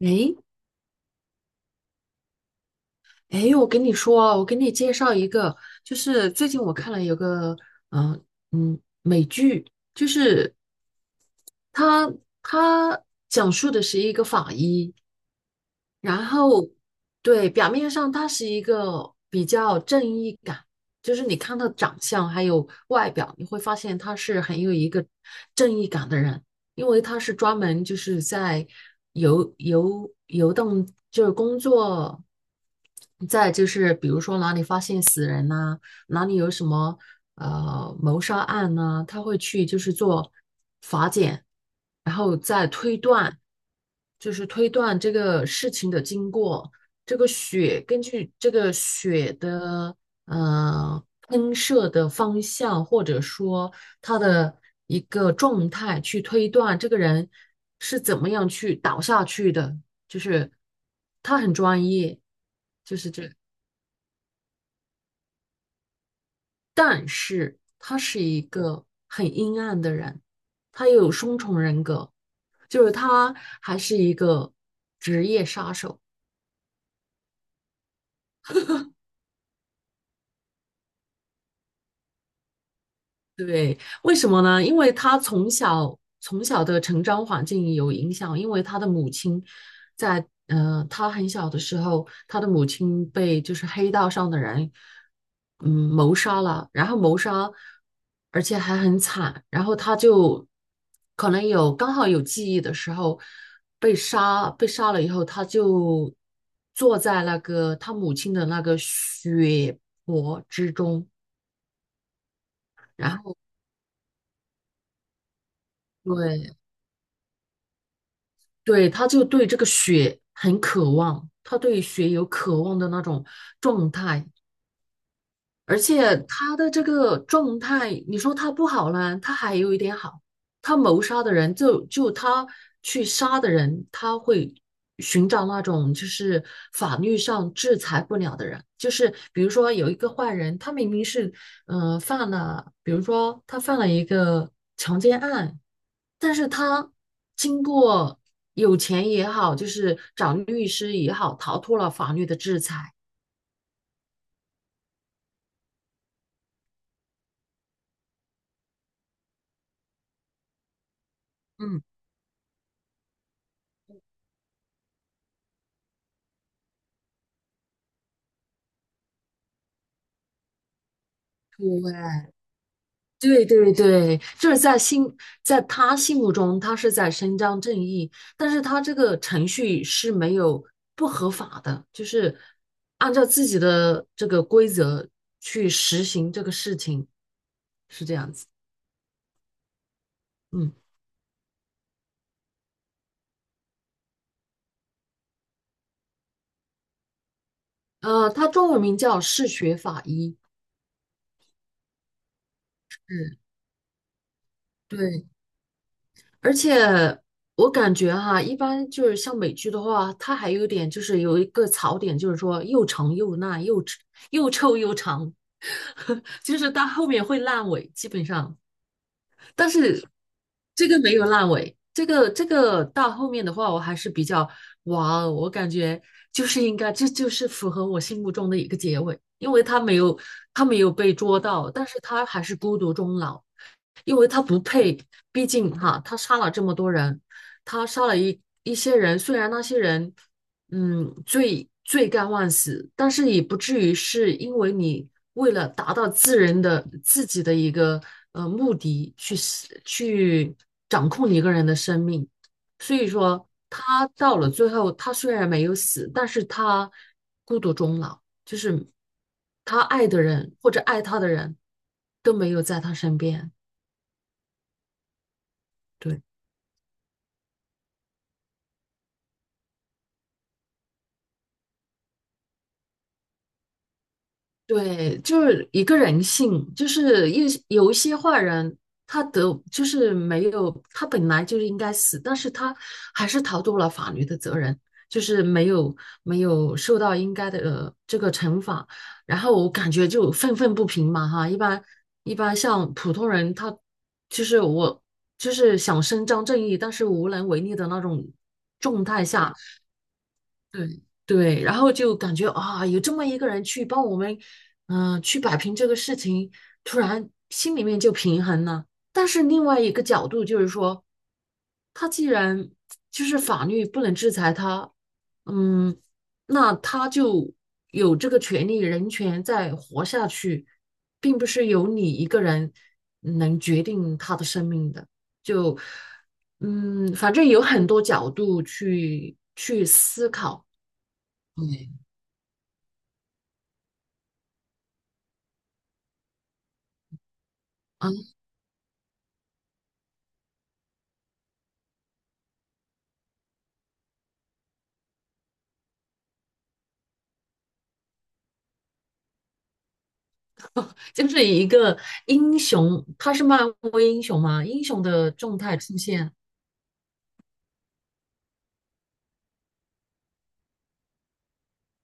诶诶，我跟你说啊，我给你介绍一个，就是最近我看了有个，嗯、美剧，就是它它讲述的是一个法医。然后，对，表面上他是一个比较正义感，就是你看他长相还有外表，你会发现他是很有一个正义感的人。因为他是专门就是在游动，就是工作，在就是比如说哪里发现死人呐、哪里有什么谋杀案呐、他会去就是做法检，然后再推断。就是推断这个事情的经过。这个血根据这个血的喷射的方向，或者说它的一个状态，去推断这个人是怎么样去倒下去的。就是他很专业，就是这，但是他是一个很阴暗的人。他有双重人格，就是他还是一个职业杀手。为什么呢？因为他从小的成长环境有影响，因为他的母亲在他很小的时候，他的母亲被就是黑道上的人谋杀了，然后谋杀，而且还很惨，然后他就可能有刚好有记忆的时候被杀。被杀了以后，他就坐在那个他母亲的那个血泊之中，然后对。对，他就对这个血很渴望，他对血有渴望的那种状态。而且他的这个状态，你说他不好呢，他还有一点好。他谋杀的人就他去杀的人，他会寻找那种就是法律上制裁不了的人。就是比如说有一个坏人，他明明是犯了，比如说他犯了一个强奸案，但是他经过有钱也好，就是找律师也好，逃脱了法律的制裁。嗯，对。对对对，在他心目中，他是在伸张正义，但是他这个程序是没有不合法的，就是按照自己的这个规则去实行这个事情，是这样子。嗯，他中文名叫嗜血法医。嗯，对。而且我感觉哈，一般就是像美剧的话，它还有点就是有一个槽点，就是说又长又烂，又臭又长，就是到后面会烂尾，基本上。但是这个没有烂尾，这个到后面的话，我还是比较哇哦，我感觉就是应该，这就是符合我心目中的一个结尾。因为他没有被捉到，但是他还是孤独终老，因为他不配。毕竟哈，他杀了这么多人，他杀了一些人，虽然那些人罪该万死，但是也不至于是因为你为了达到自己的一个目的去掌控一个人的生命。所以说他到了最后，他虽然没有死，但是他孤独终老，就是他爱的人或者爱他的人都没有在他身边。对。对，就是一个人性，就是有一些坏人，他得就是没有，他本来就是应该死，但是他还是逃脱了法律的责任，就是没有受到应该的、这个惩罚。然后我感觉就愤愤不平嘛哈。一般像普通人他，就是我就是想伸张正义，但是无能为力的那种状态下，对对。然后就感觉啊，有这么一个人去帮我们，去摆平这个事情，突然心里面就平衡了。但是另外一个角度就是说，他既然就是法律不能制裁他，嗯，那他就有这个权利、人权在活下去，并不是由你一个人能决定他的生命的。就嗯，反正有很多角度去思考。对啊，就是以一个英雄，他是漫威英雄嘛，英雄的状态出现。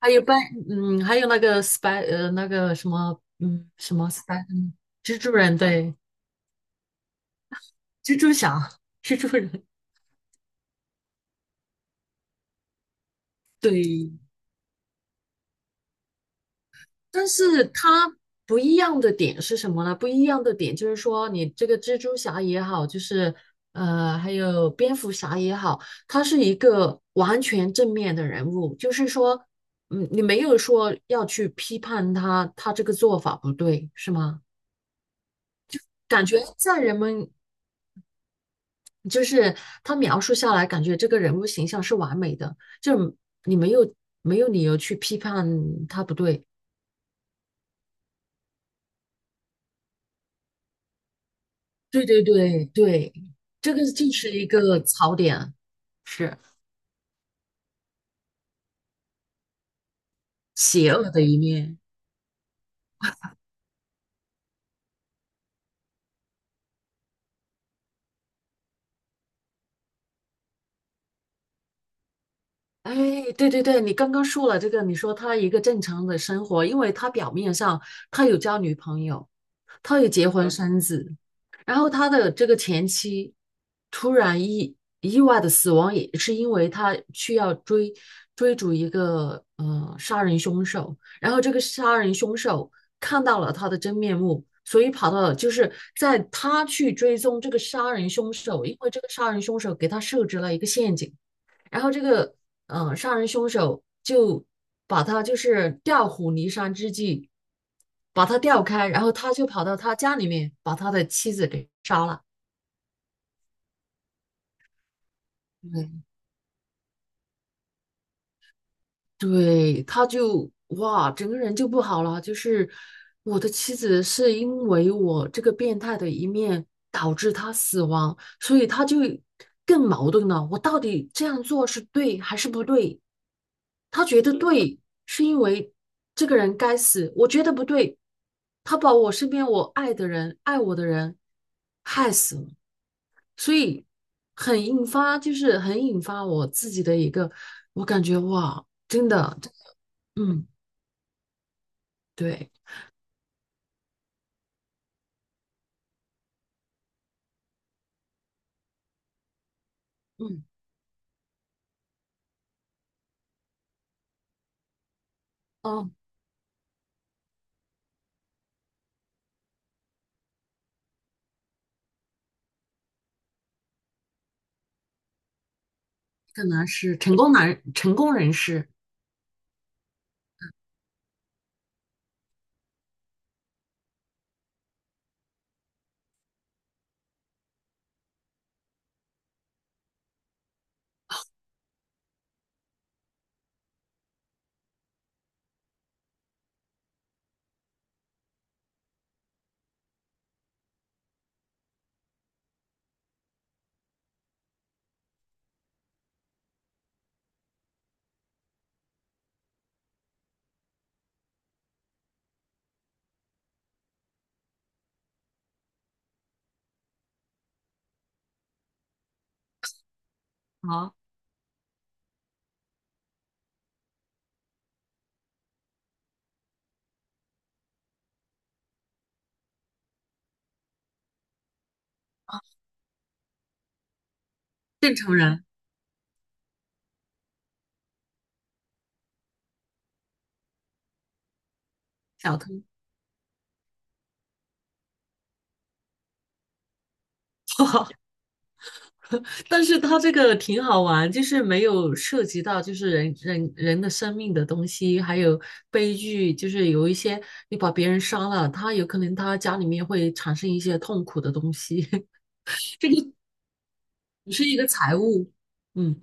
还有班，嗯，还有那个 spy，呃，那个什么，嗯，什么 spy，蜘蛛人，对，蜘蛛侠，蜘蛛人，对。但是它不一样的点是什么呢？不一样的点就是说，你这个蜘蛛侠也好，就是还有蝙蝠侠也好，他是一个完全正面的人物。就是说，嗯，你没有说要去批判他，他这个做法不对，是吗？感觉在人们就是他描述下来，感觉这个人物形象是完美的，就你没有没有理由去批判他不对。对对对对，这个就是一个槽点，是邪恶的一面。哎，对对对，你刚刚说了这个，你说他一个正常的生活，因为他表面上他有交女朋友，他也结婚生子。然后他的这个前妻突然意意外的死亡，也是因为他去要追逐一个杀人凶手，然后这个杀人凶手看到了他的真面目，所以跑到了就是在他去追踪这个杀人凶手，因为这个杀人凶手给他设置了一个陷阱。然后这个杀人凶手就把他就是调虎离山之计，把他调开，然后他就跑到他家里面把他的妻子给杀了。对，对，他就哇，整个人就不好了。就是我的妻子是因为我这个变态的一面导致他死亡，所以他就更矛盾了。我到底这样做是对还是不对？他觉得对，是因为这个人该死；我觉得不对，他把我身边我爱的人、爱我的人害死了。所以很引发，就是很引发我自己的一个，我感觉哇，真的，真的，嗯，对，嗯。哦，可能是成功男、成功人士，好，正常人，小偷。但是他这个挺好玩，就是没有涉及到就是人的生命的东西，还有悲剧，就是有一些你把别人杀了，他有可能他家里面会产生一些痛苦的东西，这个只是一个财务。嗯，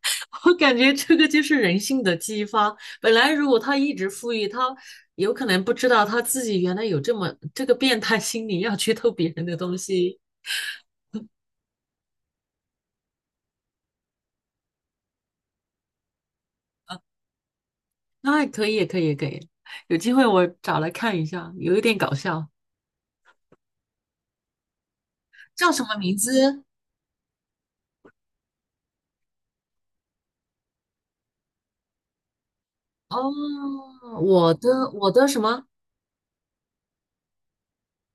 我感觉这个就是人性的激发。本来如果他一直富裕，他有可能不知道他自己原来有这么这个变态心理，要去偷别人的东西。那可以，可以，可以，有机会我找来看一下，有一点搞笑。叫什么名字？哦，我的什么？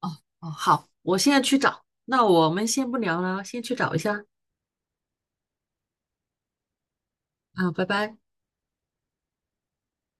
哦哦，好，我现在去找。那我们先不聊了，先去找一下啊，拜拜。